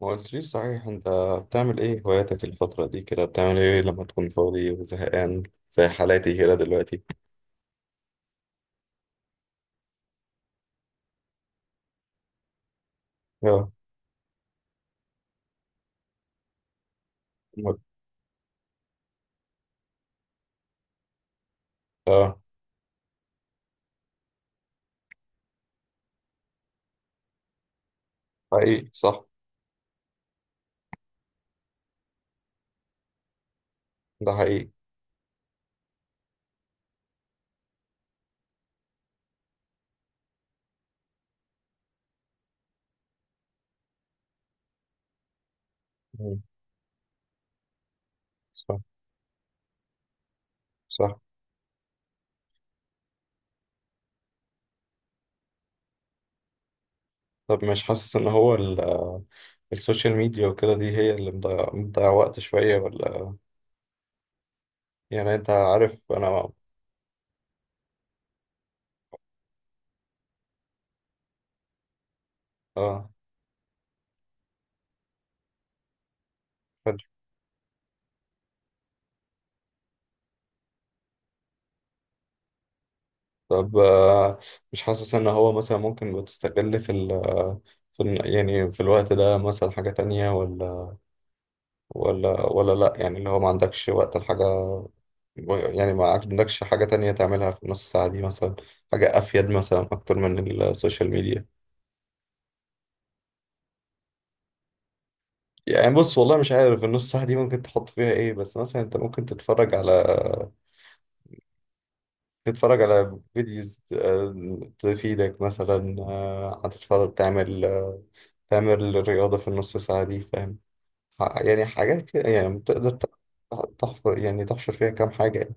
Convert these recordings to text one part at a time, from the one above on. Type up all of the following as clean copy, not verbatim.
ما قلتليش صحيح، انت بتعمل ايه هواياتك الفترة دي كده؟ بتعمل ايه لما تكون فاضي وزهقان زي حالاتي كده دلوقتي؟ اه. م- اه. حقيقي، صح. ده حقيقي. مم. صح. صح. طب، مش حاسس ان هو السوشيال ميديا وكده دي هي اللي مضيع وقت شوية ولا؟ يعني انت عارف انا. اه. فاهم. طب مش حاسس ان هو مثلا ممكن بتستغل في ال آه، في ال- يعني في الوقت ده مثلا حاجة تانية ولا لأ؟ يعني اللي هو ما عندكش وقت الحاجة. يعني ما عندكش حاجة تانية تعملها في نص ساعة دي مثلا؟ حاجة أفيد مثلا أكتر من السوشيال ميديا؟ يعني بص، والله مش عارف النص ساعة دي ممكن تحط فيها إيه، بس مثلا أنت ممكن تتفرج على فيديوز تفيدك مثلا، هتتفرج، تعمل رياضة في النص ساعة دي، فاهم؟ يعني حاجات كده، يعني تقدر تحفر يعني تحشر فيها كام حاجة يعني.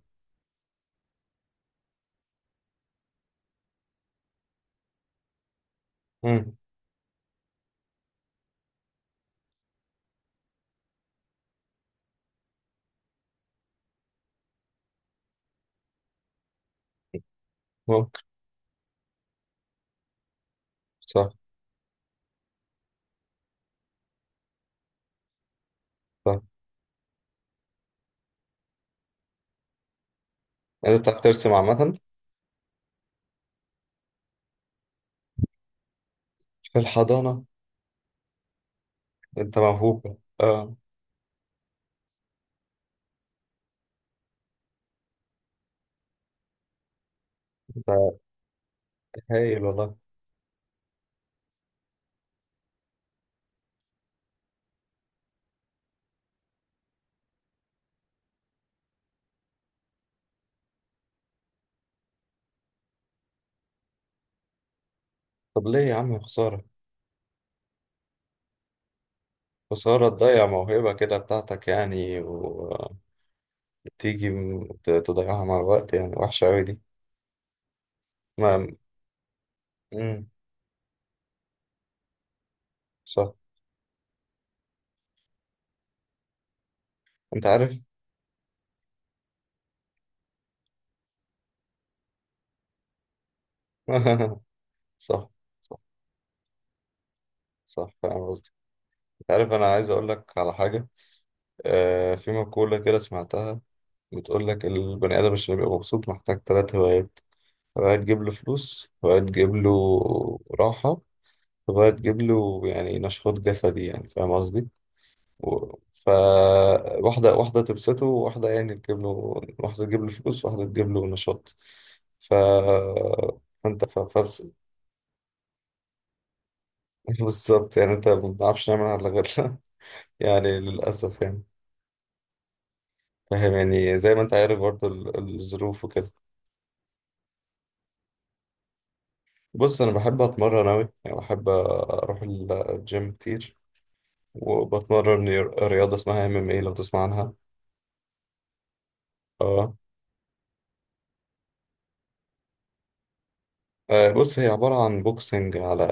مم، ممكن. صح. صح. يعني انت بتعرف ترسم عامة؟ في الحضانة؟ انت موهوب، اه. انت هايل والله. طب ليه يا عم؟ خسارة، خسارة تضيع موهبة كده بتاعتك يعني. وتيجي تضيعها مع الوقت، يعني وحشة أوي دي. ما مم. صح. انت عارف؟ صح. صح. صح فاهم قصدي. انت عارف، انا عايز اقول لك على حاجة. آه، في مقولة كده سمعتها. بتقول لك البني آدم عشان يبقى مبسوط محتاج ثلاث هوايات: هواية تجيب له فلوس، هواية تجيب له راحة، تبغى تجيب له يعني نشاط جسدي، يعني فاهم قصدي؟ و... فواحدة واحدة تبسطه، وواحدة يعني تجيب له، واحدة تجيب له فلوس، واحدة تجيب له نشاط. ف انت ف... ف... بالظبط، يعني انت ما بنعرفش نعمل على غيرنا. يعني للأسف يعني. فاهم يعني، زي ما انت عارف برضه الظروف وكده. بص، انا بحب اتمرن اوي يعني، بحب اروح الجيم كتير وبتمرن رياضة اسمها MMA، لو تسمع عنها؟ آه. بص، هي عبارة عن بوكسنج على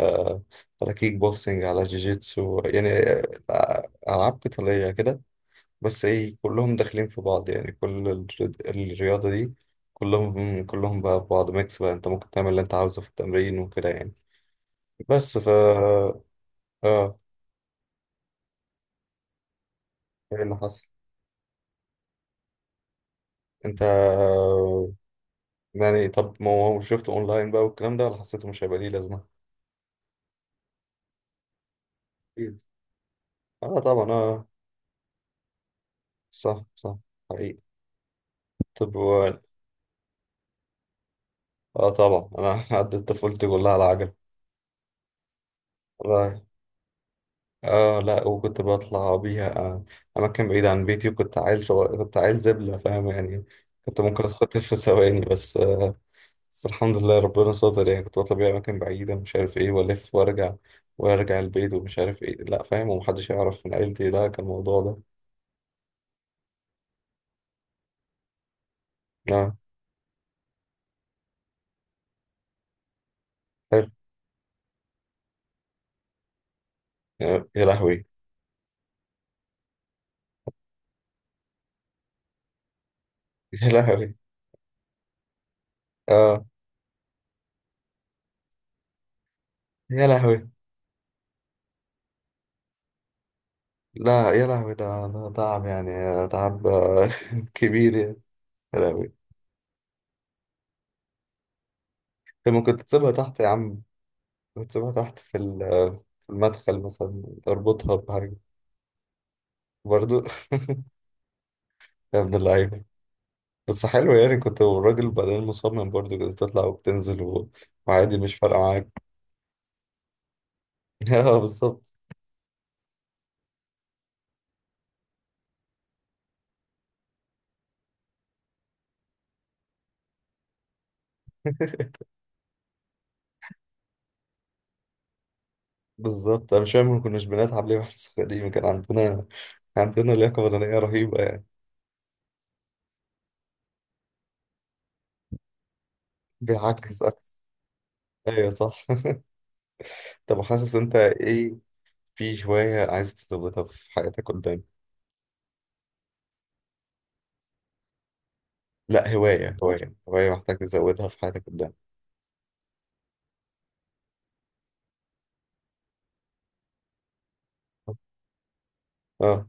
كيك بوكسنج، على جيجيتسو يعني. ألعاب قتالية كده. بس إيه، كلهم داخلين في بعض يعني كل الرياضة دي، كلهم بقى في بعض، ميكس بقى، أنت ممكن تعمل اللي أنت عاوزه في التمرين وكده يعني. بس ف آه إيه اللي حصل؟ أنت يعني، طب ما هو شفته أونلاين بقى والكلام ده، ولا حسيته مش هيبقى ليه لازمة؟ أكيد. آه طبعا. آه. صح. صح. حقيقي. طب اه طبعا، انا عدت طفولتي كلها على عجل. والله. اه لا، وكنت بطلع بيها اماكن بعيدة عن بيتي، وكنت عيل صغير، كنت عيل زبلة فاهم يعني. كنت ممكن اتخطف في ثواني، بس آه. بس الحمد لله ربنا ستر يعني. كنت بطلع بيها اماكن بعيدة مش عارف ايه، والف وارجع، وارجع البيت ومش عارف ايه، لا فاهم، ومحدش يعرف من عيلتي، لا كان الموضوع ده. لا حلو. يا لهوي. يا لهوي. اه يا لهوي. لا يا لهوي، ده تعب يعني، تعب، كبير يعني. يا لهوي. كان ممكن تسيبها تحت يا عم، تسيبها تحت في في المدخل مثلا، اربطها بحاجة. برضو يا ابن اللعيبة. بس حلو يعني، كنت الراجل بعدين مصمم برضو كده تطلع وبتنزل وعادي مش فارقة معاك. اه بالظبط بالظبط. انا مش فاهم، ما كناش بنلعب ليه واحنا صغيرين؟ كان عندنا لياقة بدنية رهيبة يعني. بيعكس أكتر؟ أيوة صح. طب حاسس أنت إيه في هواية عايز تزودها في حياتك قدام؟ لا، هواية، هواية هواية محتاج تزودها في حياتك قدام. آه.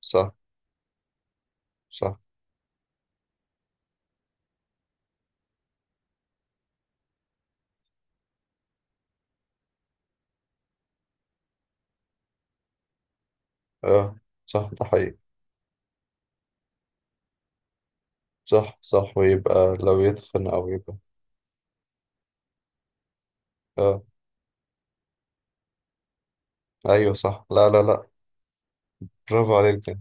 صح. صح. اه صح، ده حقيقي. صح. صح. ويبقى لو يتخن او يبقى، اه ايوه صح. لا، لا، لا. برافو عليك جدا.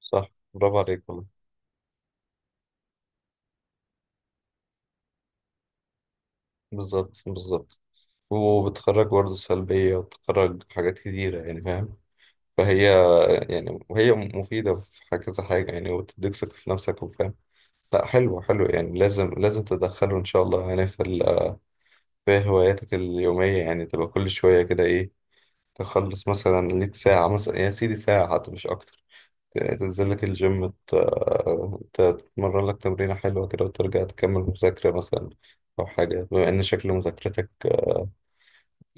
صح برافو عليك والله. بالظبط بالظبط، وبتخرج برضه سلبية، وبتخرج حاجات كتيرة يعني فاهم. فهي يعني، وهي مفيدة في كذا حاجة يعني، وتديك ثقة في نفسك وفاهم. لا حلو حلو يعني، لازم لازم تدخله إن شاء الله يعني في في هواياتك اليومية. يعني تبقى كل شوية كده إيه، تخلص مثلا، ليك ساعة مثلا يا سيدي، ساعة حتى مش أكتر. تنزل لك الجيم، تتمرن لك تمرينة حلوة كده، وترجع تكمل مذاكرة مثلا أو حاجة، بما إن شكل مذاكرتك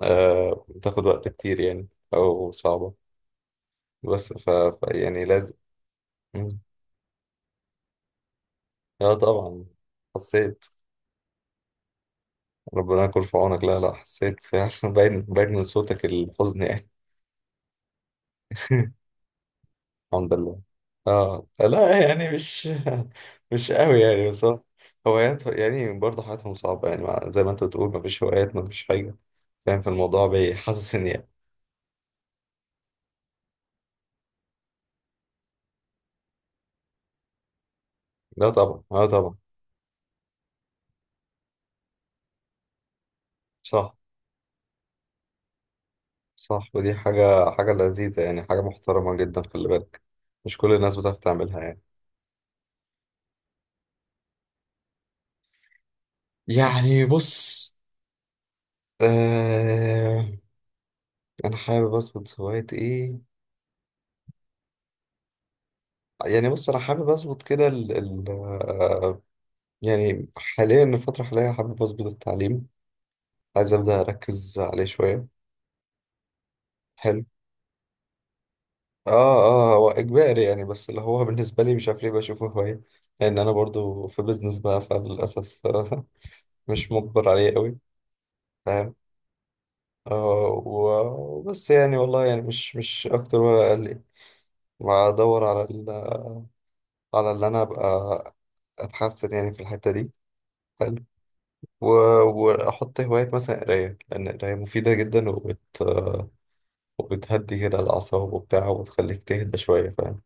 بتاخد وقت كتير يعني، أو صعبة. بس ف... ف يعني لازم. مم. اه طبعا حسيت. ربنا يكون في عونك. لا لا حسيت فعلا، باين باين من صوتك الحزن يعني. الحمد لله. اه لا يعني مش مش قوي يعني، بس هوايات يعني برضه حياتهم صعبة يعني، زي ما انت بتقول مفيش هوايات، مفيش حاجة فاهم، في الموضوع بيحسسني يعني. لا طبعا. لا طبعا. صح. صح. ودي حاجة حاجة لذيذة يعني، حاجة محترمة جدا خلي بالك. مش كل الناس بتعرف تعملها يعني. يعني بص، آه انا حابب اظبط هواية ايه؟ يعني بص، انا حابب اظبط كده ال ال آه يعني حاليا الفترة الحالية حابب اظبط التعليم، عايز أبدأ أركز عليه شوية. حلو. آه. آه هو إجباري يعني، بس اللي هو بالنسبة لي مش عارف ليه بشوفه هواية، لأن أنا برضو في بيزنس بقى فللأسف مش مجبر عليه قوي. فاهم. آه وبس يعني، والله يعني مش أكتر ولا أقل يعني. وأدور على على اللي أنا أبقى أتحسن يعني في الحتة دي. حلو. و... وأحط هواية مثلا قراية، لأن القراية مفيدة جدا وبتهدي كده الأعصاب وبتاع، وتخليك تهدى شوية فاهم.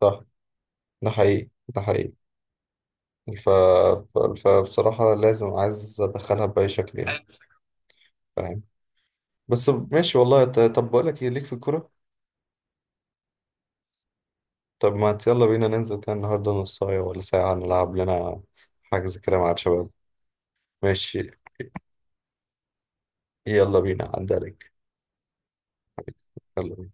صح. ده حقيقي. ده حقيقي. ف... فبصراحة لازم، عايز أدخلها بأي شكل يعني فاهم. بس ماشي والله. طب بقول لك إيه ليك في الكورة؟ طب ما يلا بينا ننزل كده النهاردة نصاية ولا ساعة، نلعب لنا حجز كده مع الشباب. ماشي. يلا بينا عدى عليك. يلا بينا.